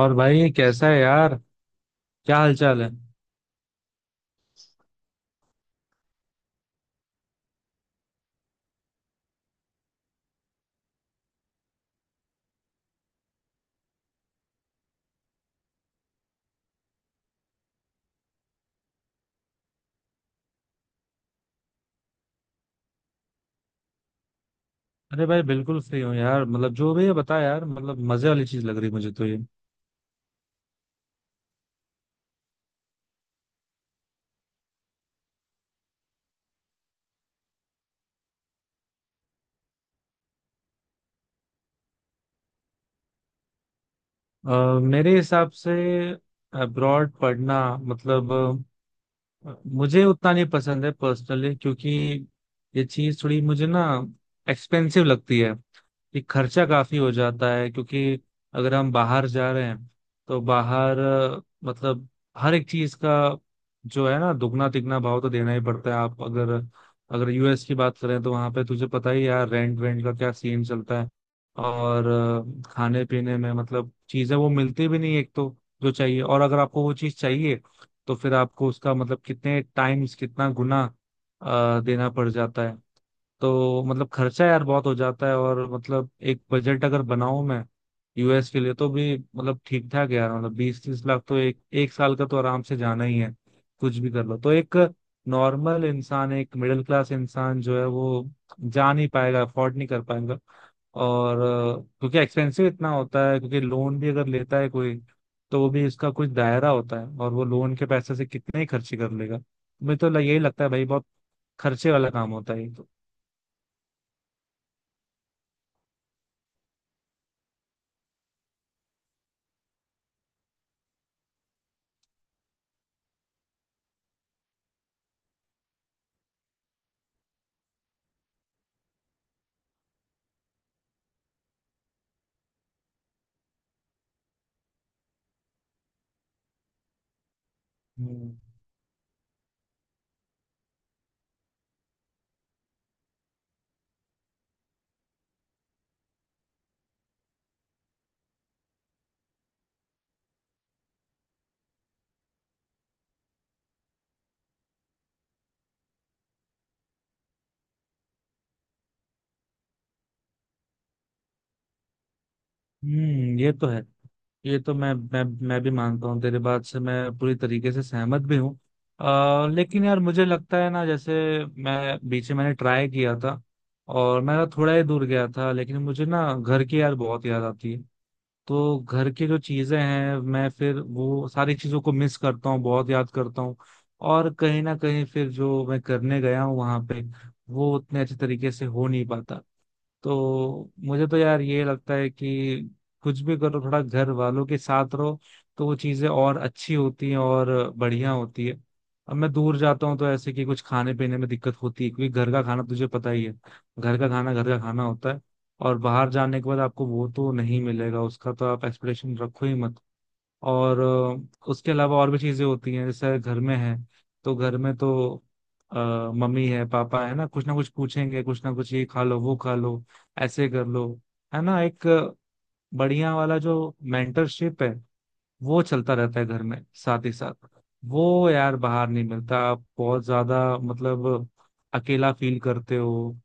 और भाई कैसा है यार? क्या हालचाल है? अरे भाई बिल्कुल फ्री हूँ यार। मतलब जो भी है बता यार। मतलब मजे वाली चीज लग रही है मुझे तो ये। मेरे हिसाब से अब्रॉड पढ़ना मतलब मुझे उतना नहीं पसंद है पर्सनली, क्योंकि ये चीज थोड़ी मुझे ना एक्सपेंसिव लगती है। ये खर्चा काफी हो जाता है, क्योंकि अगर हम बाहर जा रहे हैं तो बाहर मतलब हर एक चीज का जो है ना दुगना तिगना भाव तो देना ही पड़ता है। आप अगर, अगर यूएस की बात करें तो वहां पे तुझे पता ही यार रेंट वेंट का क्या सीन चलता है। और खाने पीने में मतलब चीजें वो मिलती भी नहीं एक तो, जो चाहिए। और अगर आपको वो चीज चाहिए तो फिर आपको उसका मतलब कितने टाइम्स कितना गुना देना पड़ जाता है। तो मतलब खर्चा यार बहुत हो जाता है। और मतलब एक बजट अगर बनाऊं मैं यूएस के लिए तो भी मतलब ठीक ठाक है यार। मतलब 20-30 लाख तो एक एक साल का तो आराम से जाना ही है, कुछ भी कर लो। तो एक नॉर्मल इंसान, एक मिडिल क्लास इंसान जो है वो जा नहीं पाएगा, अफोर्ड नहीं कर पाएगा। और क्योंकि एक्सपेंसिव इतना होता है, क्योंकि लोन भी अगर लेता है कोई तो वो भी इसका कुछ दायरा होता है, और वो लोन के पैसे से कितने ही खर्चे कर लेगा। मुझे तो यही लगता है भाई, बहुत खर्चे वाला काम होता है ये तो। हम्म। हम्म, ये तो है। ये तो मैं मैं भी मानता हूँ, तेरे बात से मैं पूरी तरीके से सहमत भी हूँ। लेकिन यार मुझे लगता है ना, जैसे मैं बीच में मैंने ट्राई किया था और मैं थोड़ा ही दूर गया था, लेकिन मुझे ना घर की यार बहुत याद आती है। तो घर की जो चीजें हैं मैं फिर वो सारी चीजों को मिस करता हूँ, बहुत याद करता हूँ। और कहीं ना कहीं फिर जो मैं करने गया हूँ वहां पे वो उतने अच्छे तरीके से हो नहीं पाता। तो मुझे तो यार ये लगता है कि कुछ भी करो, थोड़ा घर वालों के साथ रहो, तो वो चीजें और अच्छी होती हैं, और बढ़िया होती है। अब मैं दूर जाता हूँ तो ऐसे कि कुछ खाने पीने में दिक्कत होती है, क्योंकि घर का खाना तुझे पता ही है, घर का खाना होता है। और बाहर जाने के बाद आपको वो तो नहीं मिलेगा, उसका तो आप एक्सपेक्टेशन रखो ही मत। और उसके अलावा और भी चीजें होती हैं, जैसे घर में है तो घर में तो अ, मम्मी है पापा है ना, कुछ ना कुछ पूछेंगे, कुछ ना कुछ ये खा लो वो खा लो, ऐसे कर लो। है ना, एक बढ़िया वाला जो मेंटरशिप है वो चलता रहता है घर में, साथ ही साथ। वो यार बाहर नहीं मिलता, आप बहुत ज्यादा मतलब अकेला फील करते हो।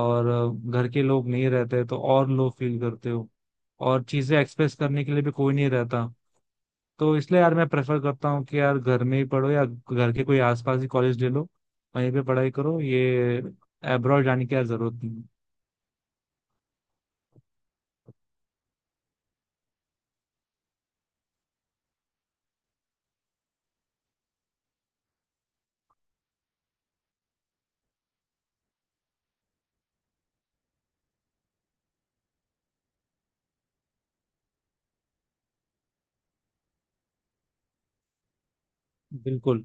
और घर के लोग नहीं रहते तो और लो फील करते हो, और चीजें एक्सप्रेस करने के लिए भी कोई नहीं रहता। तो इसलिए यार मैं प्रेफर करता हूँ कि यार घर में ही पढ़ो या घर के कोई आसपास ही कॉलेज ले लो, वहीं पे पढ़ाई करो। ये एब्रॉड जाने की यार जरूरत नहीं। बिल्कुल।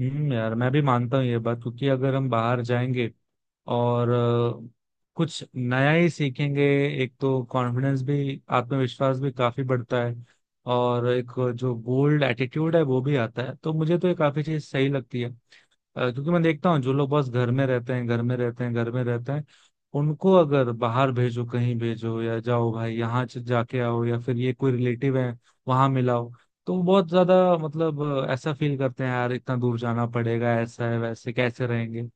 हम्म, यार मैं भी मानता हूँ ये बात, क्योंकि अगर हम बाहर जाएंगे और कुछ नया ही सीखेंगे। एक तो कॉन्फिडेंस भी, आत्मविश्वास भी काफी बढ़ता है। और एक जो बोल्ड एटीट्यूड है वो भी आता है, तो मुझे तो ये काफी चीज सही लगती है। क्योंकि मैं देखता हूँ जो लोग बस घर में रहते हैं, घर में रहते हैं, घर में रहते हैं, उनको अगर बाहर भेजो, कहीं भेजो, या जाओ भाई यहाँ जाके आओ, या फिर ये कोई रिलेटिव है वहां मिलाओ, तो वो बहुत ज्यादा मतलब ऐसा फील करते हैं यार, इतना दूर जाना पड़ेगा, ऐसा है, वैसे कैसे रहेंगे,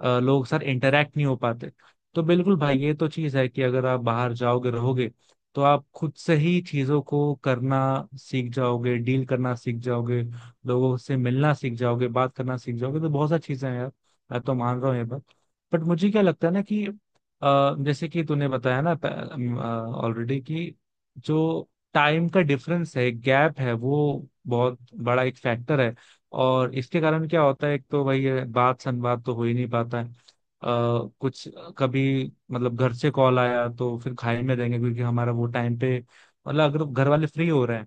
लोग सर इंटरेक्ट नहीं हो पाते। तो बिल्कुल भाई, ये तो चीज है कि अगर आप बाहर जाओगे रहोगे तो आप खुद से ही चीजों को करना सीख जाओगे, डील करना सीख जाओगे, लोगों से मिलना सीख जाओगे, बात करना सीख जाओगे। तो बहुत सारी चीजें हैं यार, मैं तो मान रहा हूँ ये बात। बट मुझे क्या लगता है ना कि जैसे कि तूने बताया ना ऑलरेडी कि जो टाइम का डिफरेंस है, गैप है, वो बहुत बड़ा एक फैक्टर है। और इसके कारण क्या होता है, एक तो वही है, बात संवाद तो हो ही नहीं पाता है। कुछ कभी मतलब घर से कॉल आया तो फिर खाई में देंगे, क्योंकि हमारा वो टाइम पे मतलब अगर घर वाले फ्री हो रहे हैं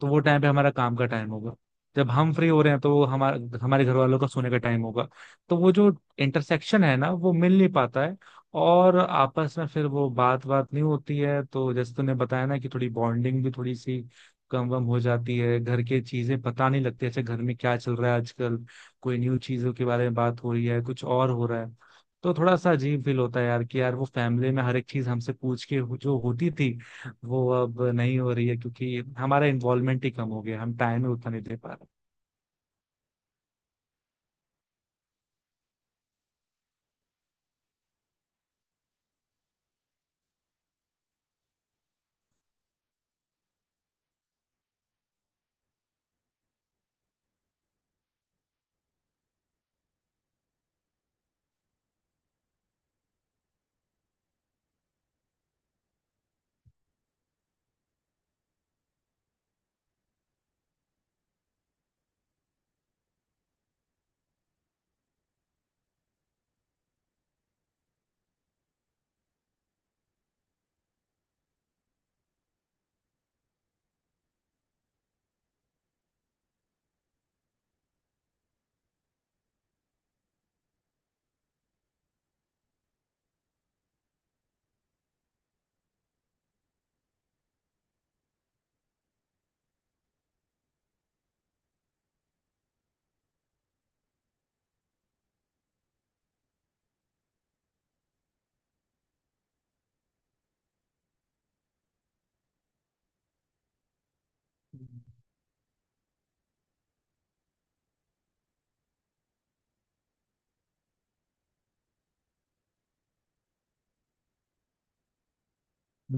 तो वो टाइम पे हमारा काम का टाइम होगा, जब हम फ्री हो रहे हैं तो वो हमारे हमारे घर वालों का सोने का टाइम होगा। तो वो जो इंटरसेक्शन है ना वो मिल नहीं पाता है, और आपस में फिर वो बात बात नहीं होती है। तो जैसे तूने बताया ना कि थोड़ी बॉन्डिंग भी थोड़ी सी कम वम हो जाती है, घर के चीजें पता नहीं लगती अच्छा घर में क्या चल रहा है आजकल, कोई न्यू चीजों के बारे में बात हो रही है, कुछ और हो रहा है। तो थोड़ा सा अजीब फील होता है यार, कि यार वो फैमिली में हर एक चीज हमसे पूछ के जो होती थी वो अब नहीं हो रही है, क्योंकि हमारा इन्वॉल्वमेंट ही कम हो गया, हम टाइम ही उतना नहीं दे पा रहे।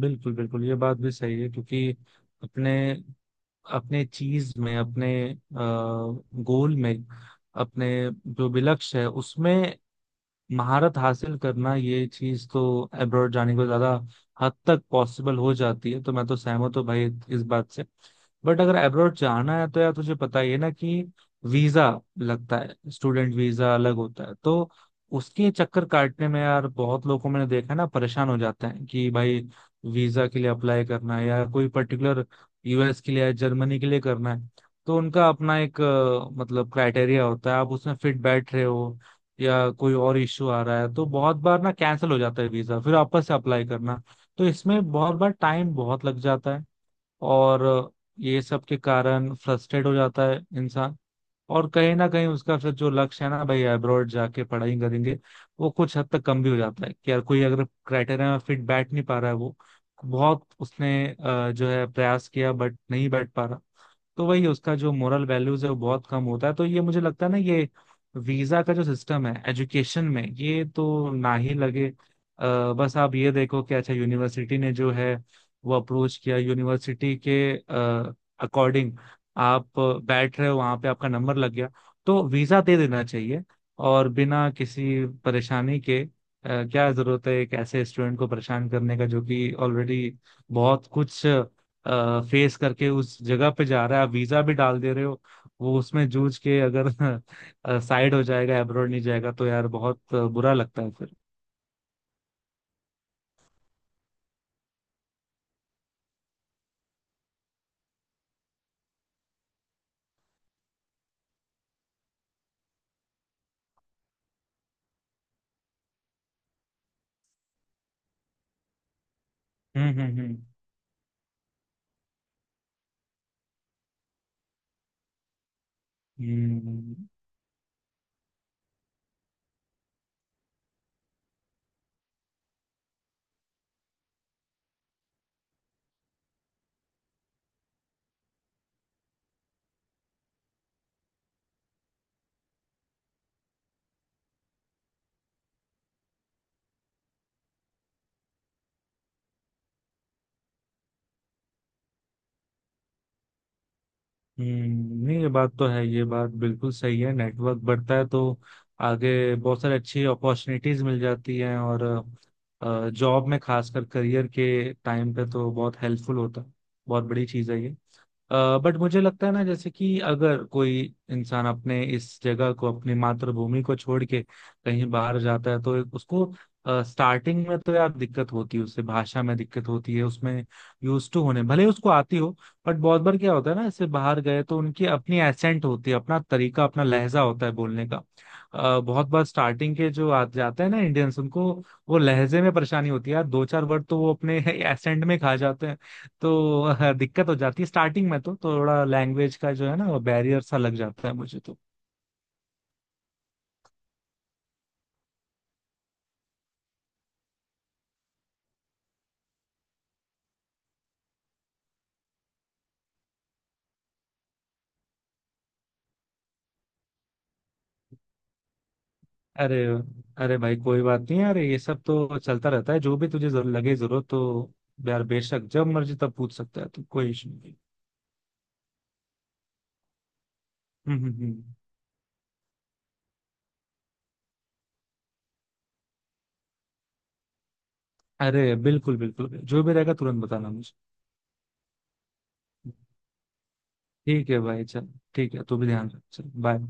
बिल्कुल बिल्कुल, ये बात भी सही है। क्योंकि अपने, अपने चीज में, अपने गोल में, अपने जो भी लक्ष्य है उसमें महारत हासिल करना, ये चीज तो अब्रॉड जाने को ज्यादा हद तक पॉसिबल हो जाती है। तो मैं तो सहमत हूँ भाई इस बात से। बट अगर अब्रॉड जाना है तो यार तुझे पता ही है ना कि वीजा लगता है, स्टूडेंट वीजा अलग होता है। तो उसके चक्कर काटने में यार बहुत लोगों को मैंने देखा है ना, परेशान हो जाते हैं कि भाई वीजा के लिए अप्लाई करना है, या कोई पर्टिकुलर यूएस के लिए या जर्मनी के लिए करना है, तो उनका अपना एक मतलब क्राइटेरिया होता है, आप उसमें फिट बैठ रहे हो या कोई और इश्यू आ रहा है। तो बहुत बार ना कैंसिल हो जाता है वीजा, फिर वापस से अप्लाई करना। तो इसमें बहुत बार टाइम बहुत लग जाता है, और ये सब के कारण फ्रस्ट्रेट हो जाता है इंसान। और कहीं ना कहीं उसका फिर जो लक्ष्य है ना भाई अब्रॉड जाके पढ़ाई करेंगे, वो कुछ हद तक कम भी हो जाता है। कि यार कोई अगर क्राइटेरिया में फिट बैठ नहीं पा रहा है, वो बहुत उसने जो है प्रयास किया बट नहीं बैठ पा रहा, तो वही उसका जो मोरल वैल्यूज है वो बहुत कम होता है। तो ये मुझे लगता है ना, ये वीजा का जो सिस्टम है एजुकेशन में ये तो ना ही लगे। बस आप ये देखो कि अच्छा यूनिवर्सिटी ने जो है वो अप्रोच किया, यूनिवर्सिटी के अकॉर्डिंग आप बैठ रहे हो, वहां पे आपका नंबर लग गया, तो वीजा दे देना चाहिए, और बिना किसी परेशानी के। क्या जरूरत है एक ऐसे स्टूडेंट को परेशान करने का, जो कि ऑलरेडी बहुत कुछ फेस करके उस जगह पे जा रहा है। आप वीजा भी डाल दे रहे हो, वो उसमें जूझ के अगर साइड हो जाएगा, अब्रॉड नहीं जाएगा, तो यार बहुत बुरा लगता है फिर। हम्म। हम्म। नहीं ये बात तो है, ये बात बिल्कुल सही है, नेटवर्क बढ़ता है तो आगे बहुत सारी अच्छी अपॉर्चुनिटीज मिल जाती हैं, और जॉब में खासकर करियर के टाइम पे तो बहुत हेल्पफुल होता है। बहुत बड़ी चीज़ है ये। बट मुझे लगता है ना, जैसे कि अगर कोई इंसान अपने इस जगह को, अपनी मातृभूमि को छोड़ के कहीं बाहर जाता है, तो उसको स्टार्टिंग में तो यार दिक्कत होती है, उससे भाषा में दिक्कत होती है, उसमें यूज टू होने भले ही उसको आती हो। बट बहुत बार क्या होता है ना, इससे बाहर गए तो उनकी अपनी एसेंट होती है, अपना तरीका, अपना लहजा होता है बोलने का। बहुत बार स्टार्टिंग के जो आ जाते हैं ना इंडियंस, उनको वो लहजे में परेशानी होती है यार, दो चार वर्ड तो वो अपने एसेंट में खा जाते हैं। तो दिक्कत हो जाती है स्टार्टिंग में, तो थोड़ा लैंग्वेज का जो है ना वो बैरियर सा लग जाता है मुझे तो। अरे, अरे भाई कोई बात नहीं यार, ये सब तो चलता रहता है। जो भी तुझे जरूर, लगे जरूरत तो यार बेशक जब मर्जी तब पूछ सकता है तू, कोई इशू नहीं। हम्म हम्म हम्म। अरे बिल्कुल बिल्कुल, जो भी रहेगा तुरंत बताना मुझे। ठीक है भाई, चल ठीक है, तू भी ध्यान रख। चल, बाय।